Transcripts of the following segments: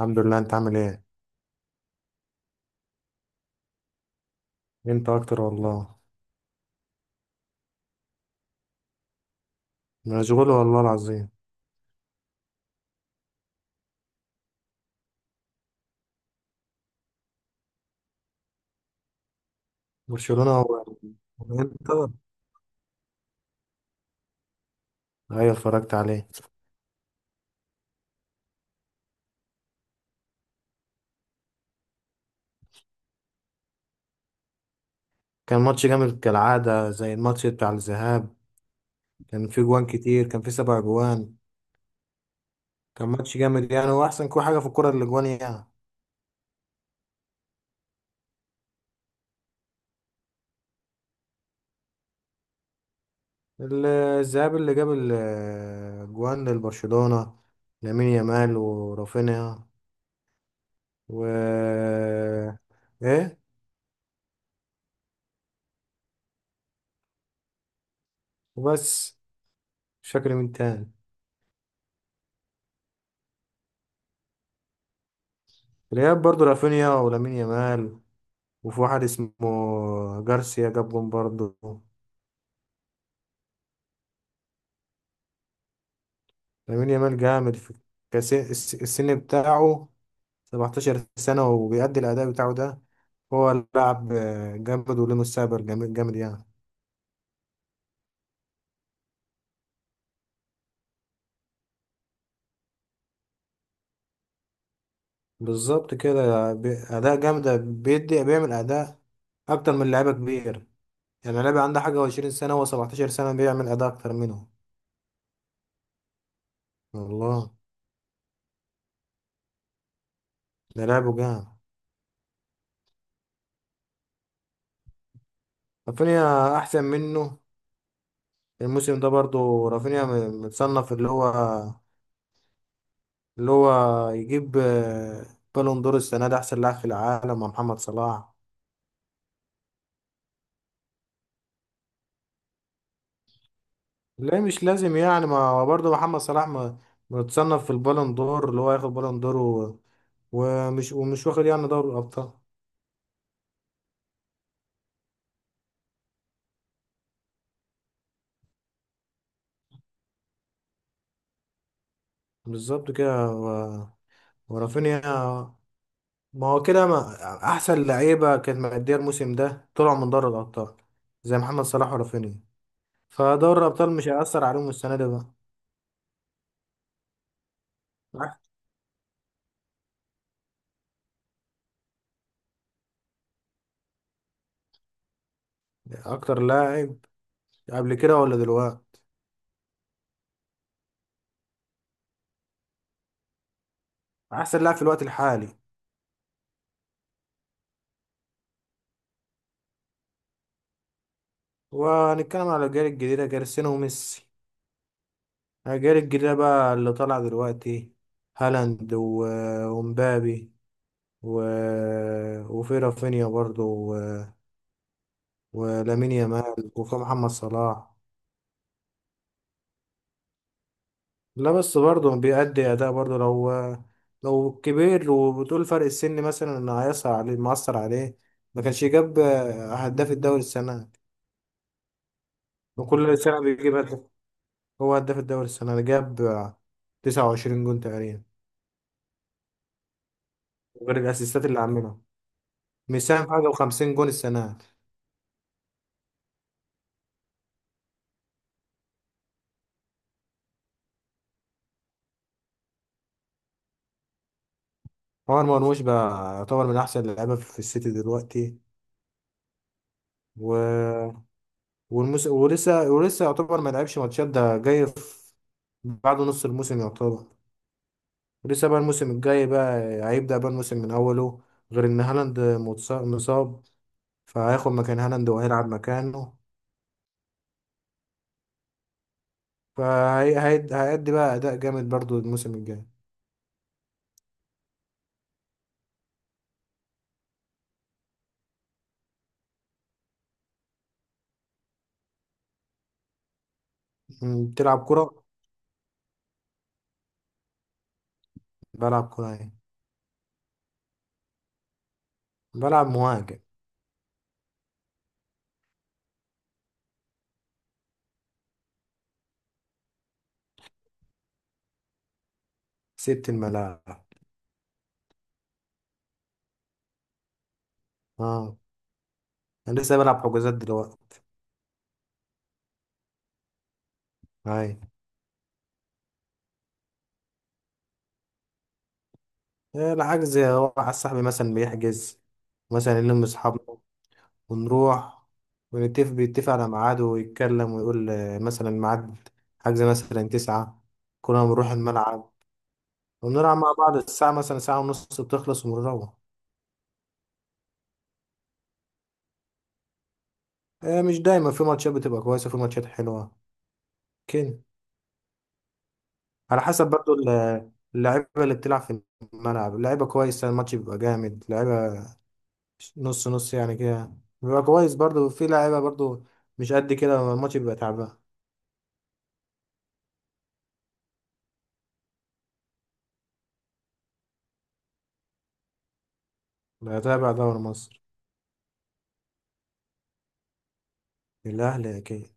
الحمد لله، انت عامل ايه؟ انت اكتر والله. مشغول والله العظيم. برشلونة هو. انت. ايوه، اتفرجت عليه. كان ماتش جامد كالعادة زي الماتش بتاع الذهاب. كان فيه جوان كتير، كان فيه 7 جوان. كان ماتش جامد يعني، واحسن كل حاجة في الكرة اللي جوان يعني. الذهاب اللي جاب الجوان للبرشلونة، لامين يامال ورافينيا و ايه وبس، مش فاكر مين تاني. الإياب برضه رافينيا ولامين يامال، وفي واحد اسمه جارسيا جاب جون برضه. لامين يامال جامد في السن بتاعه، 17 سنة وبيأدي الأداء بتاعه ده. هو لاعب جامد، وله مستقبل جامد جامد يعني. بالظبط كده، أداء جامدة بيدي، بيعمل أداء أكتر من لعيبة كبير. يعني لعيبة عنده حاجة وعشرين سنة وسبعتاشر سنة بيعمل أداء أكتر منه والله. ده لعبه جامد. رافينيا أحسن منه. الموسم ده برضه رافينيا متصنف، اللي هو يجيب بالون دور السنة دي، أحسن لاعب في العالم مع محمد صلاح. لا مش لازم يعني، ما هو برضه محمد صلاح متصنف في البالون دور، اللي هو ياخد بالون دور ومش واخد يعني دوري الأبطال. بالظبط كده ورافينيا. ما هو كده ما، أحسن لعيبة كانت مأدية الموسم ده طلعوا من دوري الأبطال، زي محمد صلاح ورافينيا. فدوري الأبطال مش هيأثر عليهم السنة دي بقى. أح- أكتر لاعب قبل كده ولا دلوقتي؟ أحسن لاعب في الوقت الحالي، وهنتكلم على الأجيال الجديدة كريستيانو وميسي. الأجيال الجديدة بقى اللي طالعة دلوقتي، هالاند ومبابي و... وفي رافينيا برضو، و... ولامين يامال وفي محمد صلاح. لا بس برضو بيأدي أداء برضو، لو كبير وبتقول فرق السن مثلا إن هيأثر عليه، مأثر عليه. ما كانش جاب هداف الدوري السنة دي. وكل سنة بيجيب هداف. هو هداف الدوري السنة دي جاب 29 جون تقريبا، غير الأسيستات اللي عاملها، مساهم في حاجة وخمسين جون السنة. عمر مرموش بقى يعتبر من أحسن اللعيبة في السيتي دلوقتي و... والمس... ولسه ولسه يعتبر، ما لعبش ماتشات، ده جاي بعد نص الموسم يعتبر. ولسه بقى الموسم الجاي بقى هيبدأ بقى الموسم من أوله، غير إن هالاند مصاب، فهياخد مكان هالاند وهيلعب مكانه. فهيأدي هيأدي بقى أداء جامد برضو الموسم الجاي. بتلعب كرة؟ بلعب كرة يعني، بلعب مهاجم. سبت الملاعب. اه، انا لسه بلعب حجوزات دلوقتي. هاي. إيه الحجز، هو واحد صاحبي مثلا بيحجز، مثلا يلم اصحابنا ونروح. بيتفق على ميعاده ويتكلم ويقول مثلا ميعاد حجز مثلا 9، كلنا بنروح الملعب ونلعب مع بعض الساعة مثلا ساعة ونص بتخلص ونروح. إيه مش دايما، في ماتشات بتبقى كويسة، في ماتشات حلوة كده. على حسب برضو اللعيبة اللي بتلعب في الملعب، اللعيبة كويسة الماتش بيبقى جامد، لعيبة نص نص يعني كده بيبقى كويس برضو، في لعيبة برضو مش قد كده الماتش بيبقى تعبان. بتابع دوري مصر. الأهلي أكيد.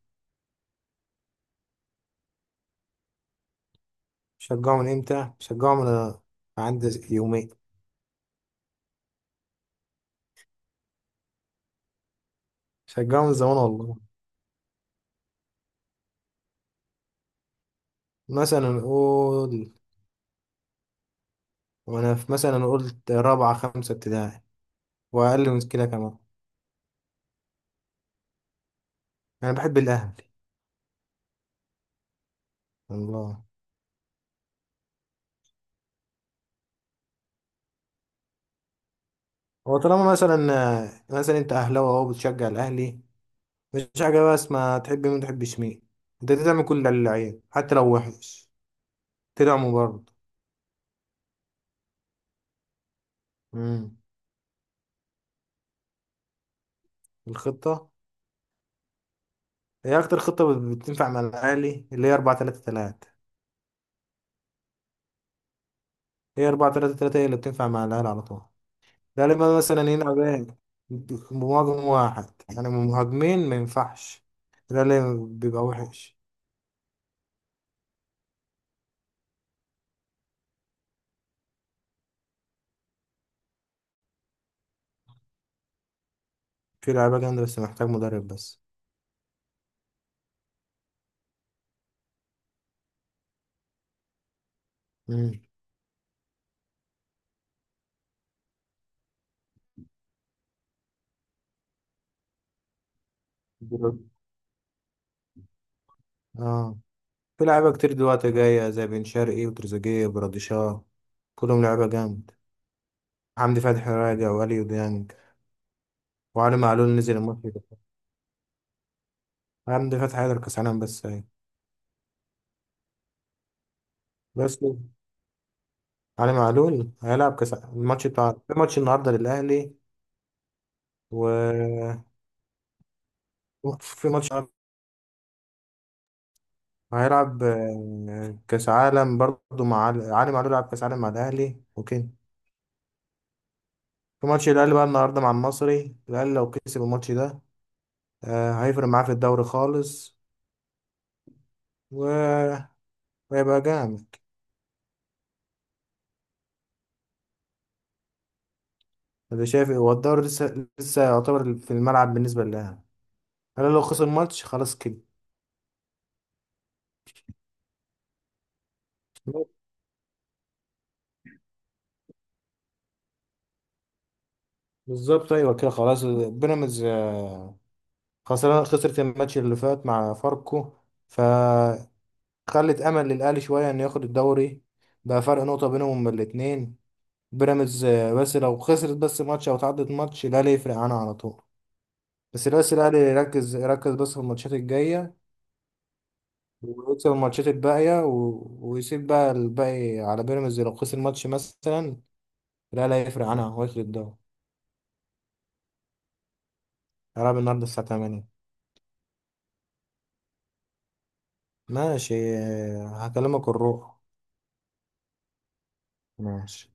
شجعه من إمتى؟ شجعه من عندي يومين. شجعه من زمان والله. مثلا نقول وأنا في، مثلا نقول رابعة خمسة ابتدائي وأقل من كده كمان. أنا بحب الأهلي. الله. هو طالما مثلا، مثلا أنت أهلاوي أهو بتشجع الأهلي، مش حاجة بس ما تحب مين ما تحبش مين، أنت تعمل كل اللعيب حتى لو وحش تدعمه برضه. امم الخطة، هي أكتر خطة بتنفع مع الأهلي اللي هي 4 3 3. هي 4 3 3 هي اللي بتنفع مع الأهلي على طول، ده لما مثلا يلعب إيه، بمهاجم واحد يعني، مهاجمين ما ينفعش، ده اللي بيبقى وحش. في لعيبة جامدة بس محتاج مدرب بس. امم اه، في لعيبة كتير دلوقتي جاية زي بن شرقي وتريزيجيه وبراديشاه، كلهم لعيبة جامد. حمدي فتحي راجع وأليو ديانج وعلي معلول نزل الماتش ده. حمدي فتحي هيقدر كاس عالم بس هي. بس علي معلول هيلعب كاس الماتش بتاع في ماتش النهارده للاهلي و في ماتش، هيلعب كاس عالم برضه مع علي معلول، لعب كاس عالم مع الاهلي اوكي. في ماتش الاهلي بقى النهارده مع المصري، الاهلي لو كسب الماتش ده هيفرق معاه في الدوري خالص و- وهيبقى جامد. اللي شايف هو الدوري لسه، لسه يعتبر في الملعب بالنسبه للاهلي. الاهلي لو خسر الماتش خلاص كده. بالظبط، ايوه كده خلاص. بيراميدز خسران، خسرت الماتش اللي فات مع فاركو، فخلت امل للاهلي شويه انه ياخد الدوري، بقى فرق نقطه بينهم الاثنين. بيراميدز بس لو خسرت بس ماتش او تعدت ماتش الاهلي يفرق عنها على طول. بس الاهلي يركز، يركز بس في الماتشات الجايه، ويكسب الماتشات الباقيه ويسيب بقى الباقي على بيراميدز. لو خسر ماتش مثلا الاهلي هيفرق عنها وياخد الدوري. هيلعب النهارده الساعه 8. ماشي هكلمك الروح. ماشي.